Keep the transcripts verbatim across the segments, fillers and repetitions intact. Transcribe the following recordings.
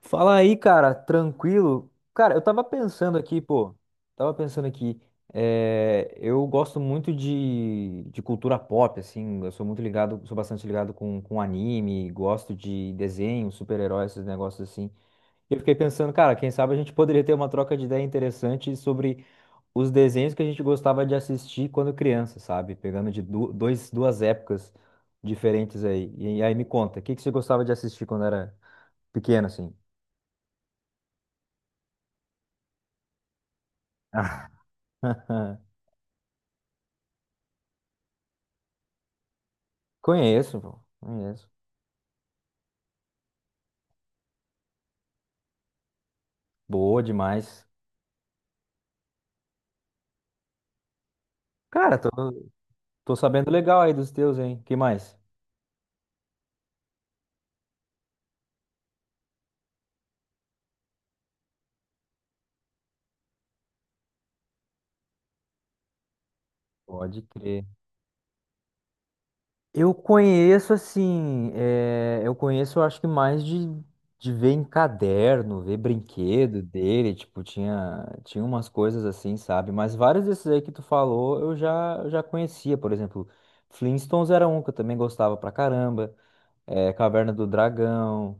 Fala aí, cara, tranquilo? Cara, eu tava pensando aqui, pô, tava pensando aqui, é, eu gosto muito de, de cultura pop, assim, eu sou muito ligado, sou bastante ligado com, com anime, gosto de desenho, super-herói, esses negócios assim. E eu fiquei pensando, cara, quem sabe a gente poderia ter uma troca de ideia interessante sobre os desenhos que a gente gostava de assistir quando criança, sabe? Pegando de du- dois, duas épocas diferentes aí. E aí me conta, o que que você gostava de assistir quando era pequeno, assim? Conheço, pô. Conheço. Boa demais. Cara, tô, tô sabendo legal aí dos teus, hein? Que mais? Pode crer. Eu conheço assim, é, eu conheço acho que mais de, de ver em caderno, ver brinquedo dele, tipo, tinha, tinha umas coisas assim, sabe? Mas vários desses aí que tu falou eu já, eu já conhecia, por exemplo, Flintstones era um que eu também gostava pra caramba, é, Caverna do Dragão,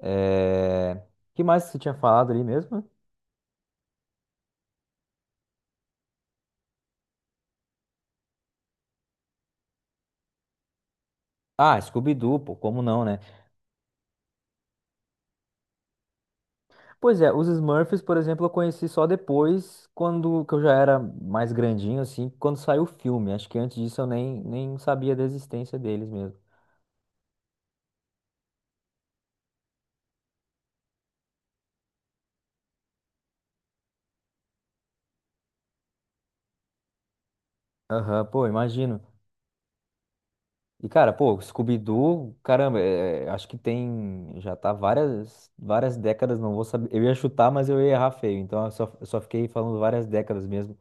é... que mais que você tinha falado ali mesmo? Ah, Scooby-Doo, pô, como não, né? Pois é, os Smurfs, por exemplo, eu conheci só depois, quando que eu já era mais grandinho, assim, quando saiu o filme. Acho que antes disso eu nem, nem sabia da existência deles mesmo. Aham, pô, imagino. E, cara, pô, Scooby-Doo, caramba, é, é, acho que tem, já tá várias, várias décadas, não vou saber. Eu ia chutar, mas eu ia errar feio, então eu só, eu só fiquei falando várias décadas mesmo.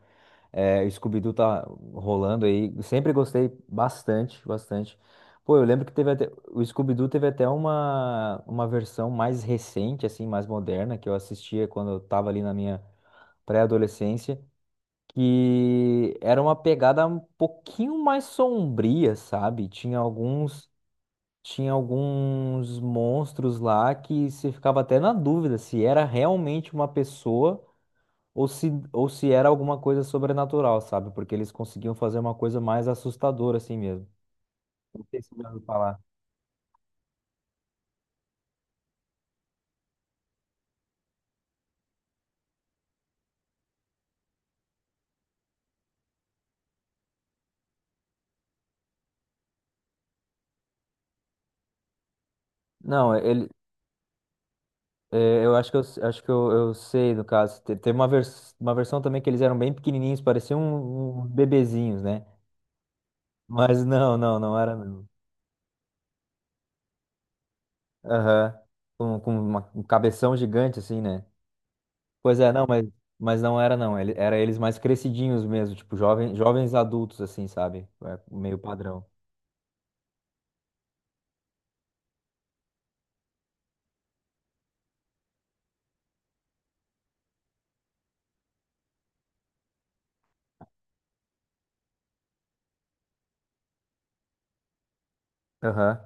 É, o Scooby-Doo tá rolando aí. Sempre gostei bastante, bastante. Pô, eu lembro que teve até, o Scooby-Doo teve até uma, uma versão mais recente, assim, mais moderna, que eu assistia quando eu tava ali na minha pré-adolescência, que era uma pegada um pouquinho mais sombria, sabe? Tinha alguns, tinha alguns monstros lá que você ficava até na dúvida se era realmente uma pessoa ou se, ou se era alguma coisa sobrenatural, sabe? Porque eles conseguiam fazer uma coisa mais assustadora assim mesmo. Não sei se você já ouviu falar. Não, ele, é, eu acho que eu, acho que eu, eu sei, no caso. Te- Tem uma, vers, uma versão também que eles eram bem pequenininhos, pareciam um- um, uns bebezinhos, né? Mas não, não, não era não. Aham. Com, com uma- um cabeção gigante assim, né? Pois é, não, mas, mas não era não. Ele, era eles mais crescidinhos mesmo, tipo jovem, jovens adultos assim, sabe? É meio padrão. Aham,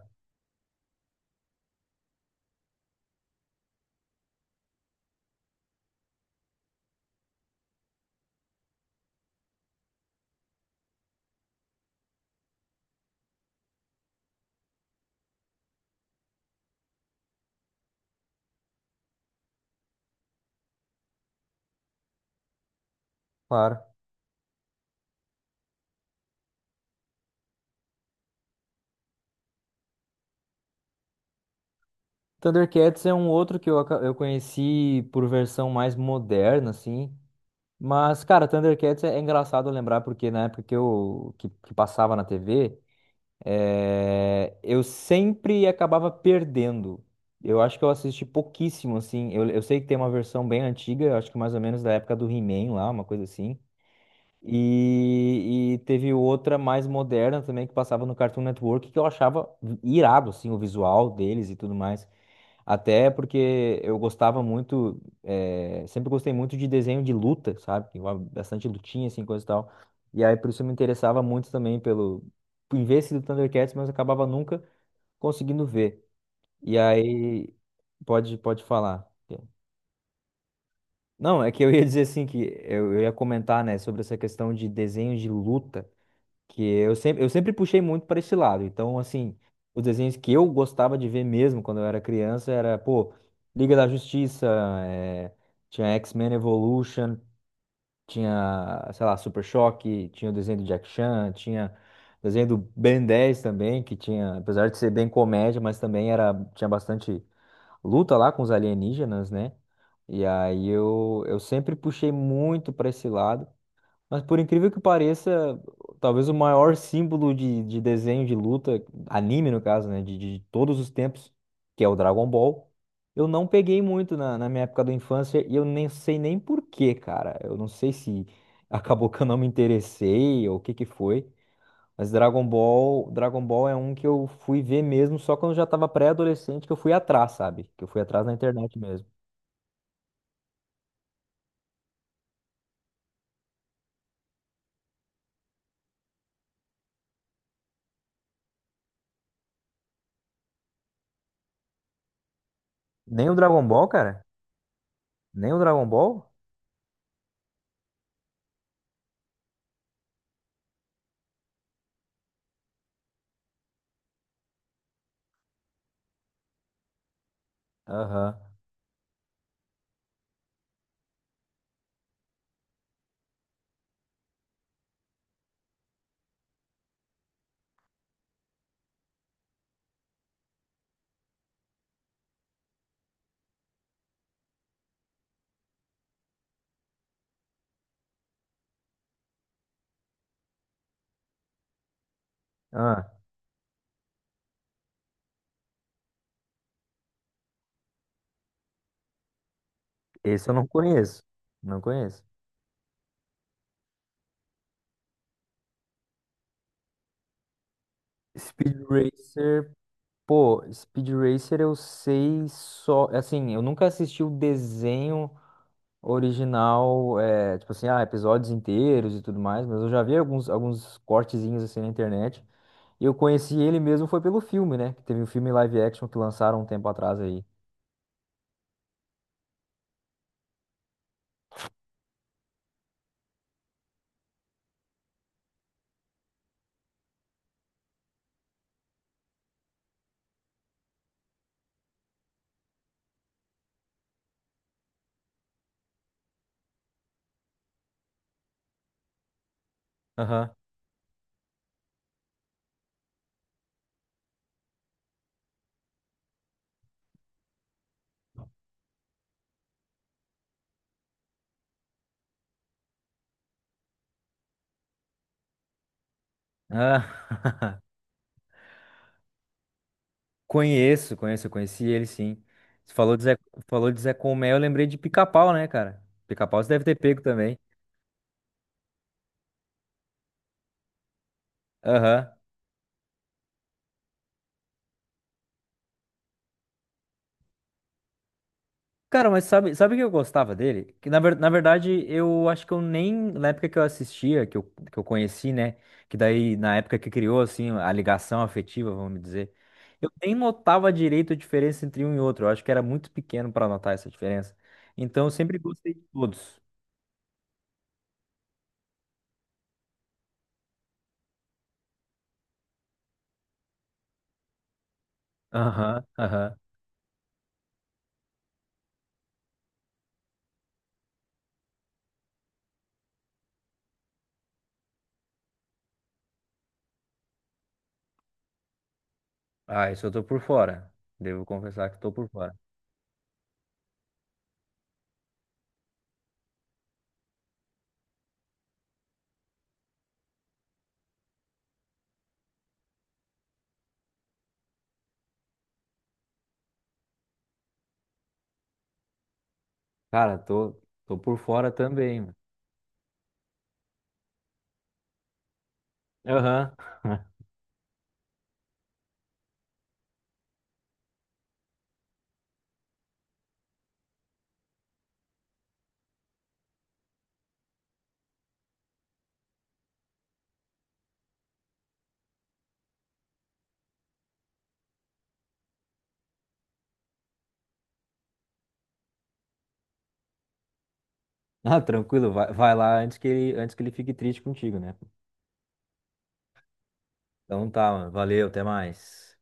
claro. Thundercats é um outro que eu, aca- eu conheci por versão mais moderna, assim. Mas, cara, Thundercats é, é engraçado lembrar, porque na época que eu que, que passava na T V, eh, eu sempre acabava perdendo. Eu acho que eu assisti pouquíssimo, assim. Eu, eu sei que tem uma versão bem antiga, eu acho que mais ou menos da época do He-Man lá, uma coisa assim. E, e teve outra mais moderna também que passava no Cartoon Network, que eu achava irado, assim, o visual deles e tudo mais. Até porque eu gostava muito, eh, sempre gostei muito de desenho de luta, sabe? Que envolve bastante lutinha, assim, coisa e tal. E aí, por isso, eu me interessava muito também pelo... em ver esse do Thundercats, mas eu acabava nunca conseguindo ver. E aí, pode, pode falar. Não, é que eu ia dizer assim, que eu, eu ia comentar, né, sobre essa questão de desenho de luta que eu sempre, eu sempre puxei muito para esse lado. Então, assim, os desenhos que eu gostava de ver mesmo quando eu era criança era, pô, Liga da Justiça, eh, tinha X-Men Evolution, tinha, sei lá, Super Choque, tinha o desenho do Jack Chan, tinha o desenho do Ben dez também, que tinha, apesar de ser bem comédia, mas também era, tinha bastante luta lá com os alienígenas, né? E aí eu, eu sempre puxei muito para esse lado. Mas por incrível que pareça, talvez o maior símbolo de, de desenho de luta, anime no caso, né, de, de todos os tempos, que é o Dragon Ball, eu não peguei muito na, na minha época da infância e eu nem sei nem por quê, cara. Eu não sei se acabou que eu não me interessei ou o que que foi, mas Dragon Ball, Dragon Ball é um que eu fui ver mesmo só quando eu já tava pré-adolescente que eu fui atrás, sabe? Que eu fui atrás na internet mesmo. Nem o Dragon Ball, cara? Nem o Dragon Ball? Aham. Ah. Esse eu não conheço. Não conheço. Speed Racer, pô, Speed Racer eu sei só. Assim, eu nunca assisti o desenho original, é, tipo assim, ah, episódios inteiros e tudo mais, mas eu já vi alguns, alguns cortezinhos assim na internet. E eu conheci ele mesmo foi pelo filme, né? Que teve um filme live action que lançaram um tempo atrás aí. Aham. Ah, conheço, conheço, eu conheci ele sim. Você falou de Zé, falou de Zé Colmeia, eu lembrei de Pica-Pau, né, cara? Pica-Pau você deve ter pego também. Aham. Cara, mas sabe, sabe o que eu gostava dele? Que na, ver- na verdade, eu acho que eu nem, na época que eu assistia, que eu, que eu conheci, né? Que daí, na época que criou, assim, a ligação afetiva, vamos dizer, eu nem notava direito a diferença entre um e outro. Eu acho que era muito pequeno pra notar essa diferença. Então, eu sempre gostei de todos. Aham, aham. Ah, isso eu tô por fora. Devo confessar que tô por fora. Cara, tô, tô por fora também, mano. Aham. Ah, tranquilo, vai, vai lá antes que ele, antes que ele fique triste contigo, né? Então tá, mano. Valeu, até mais.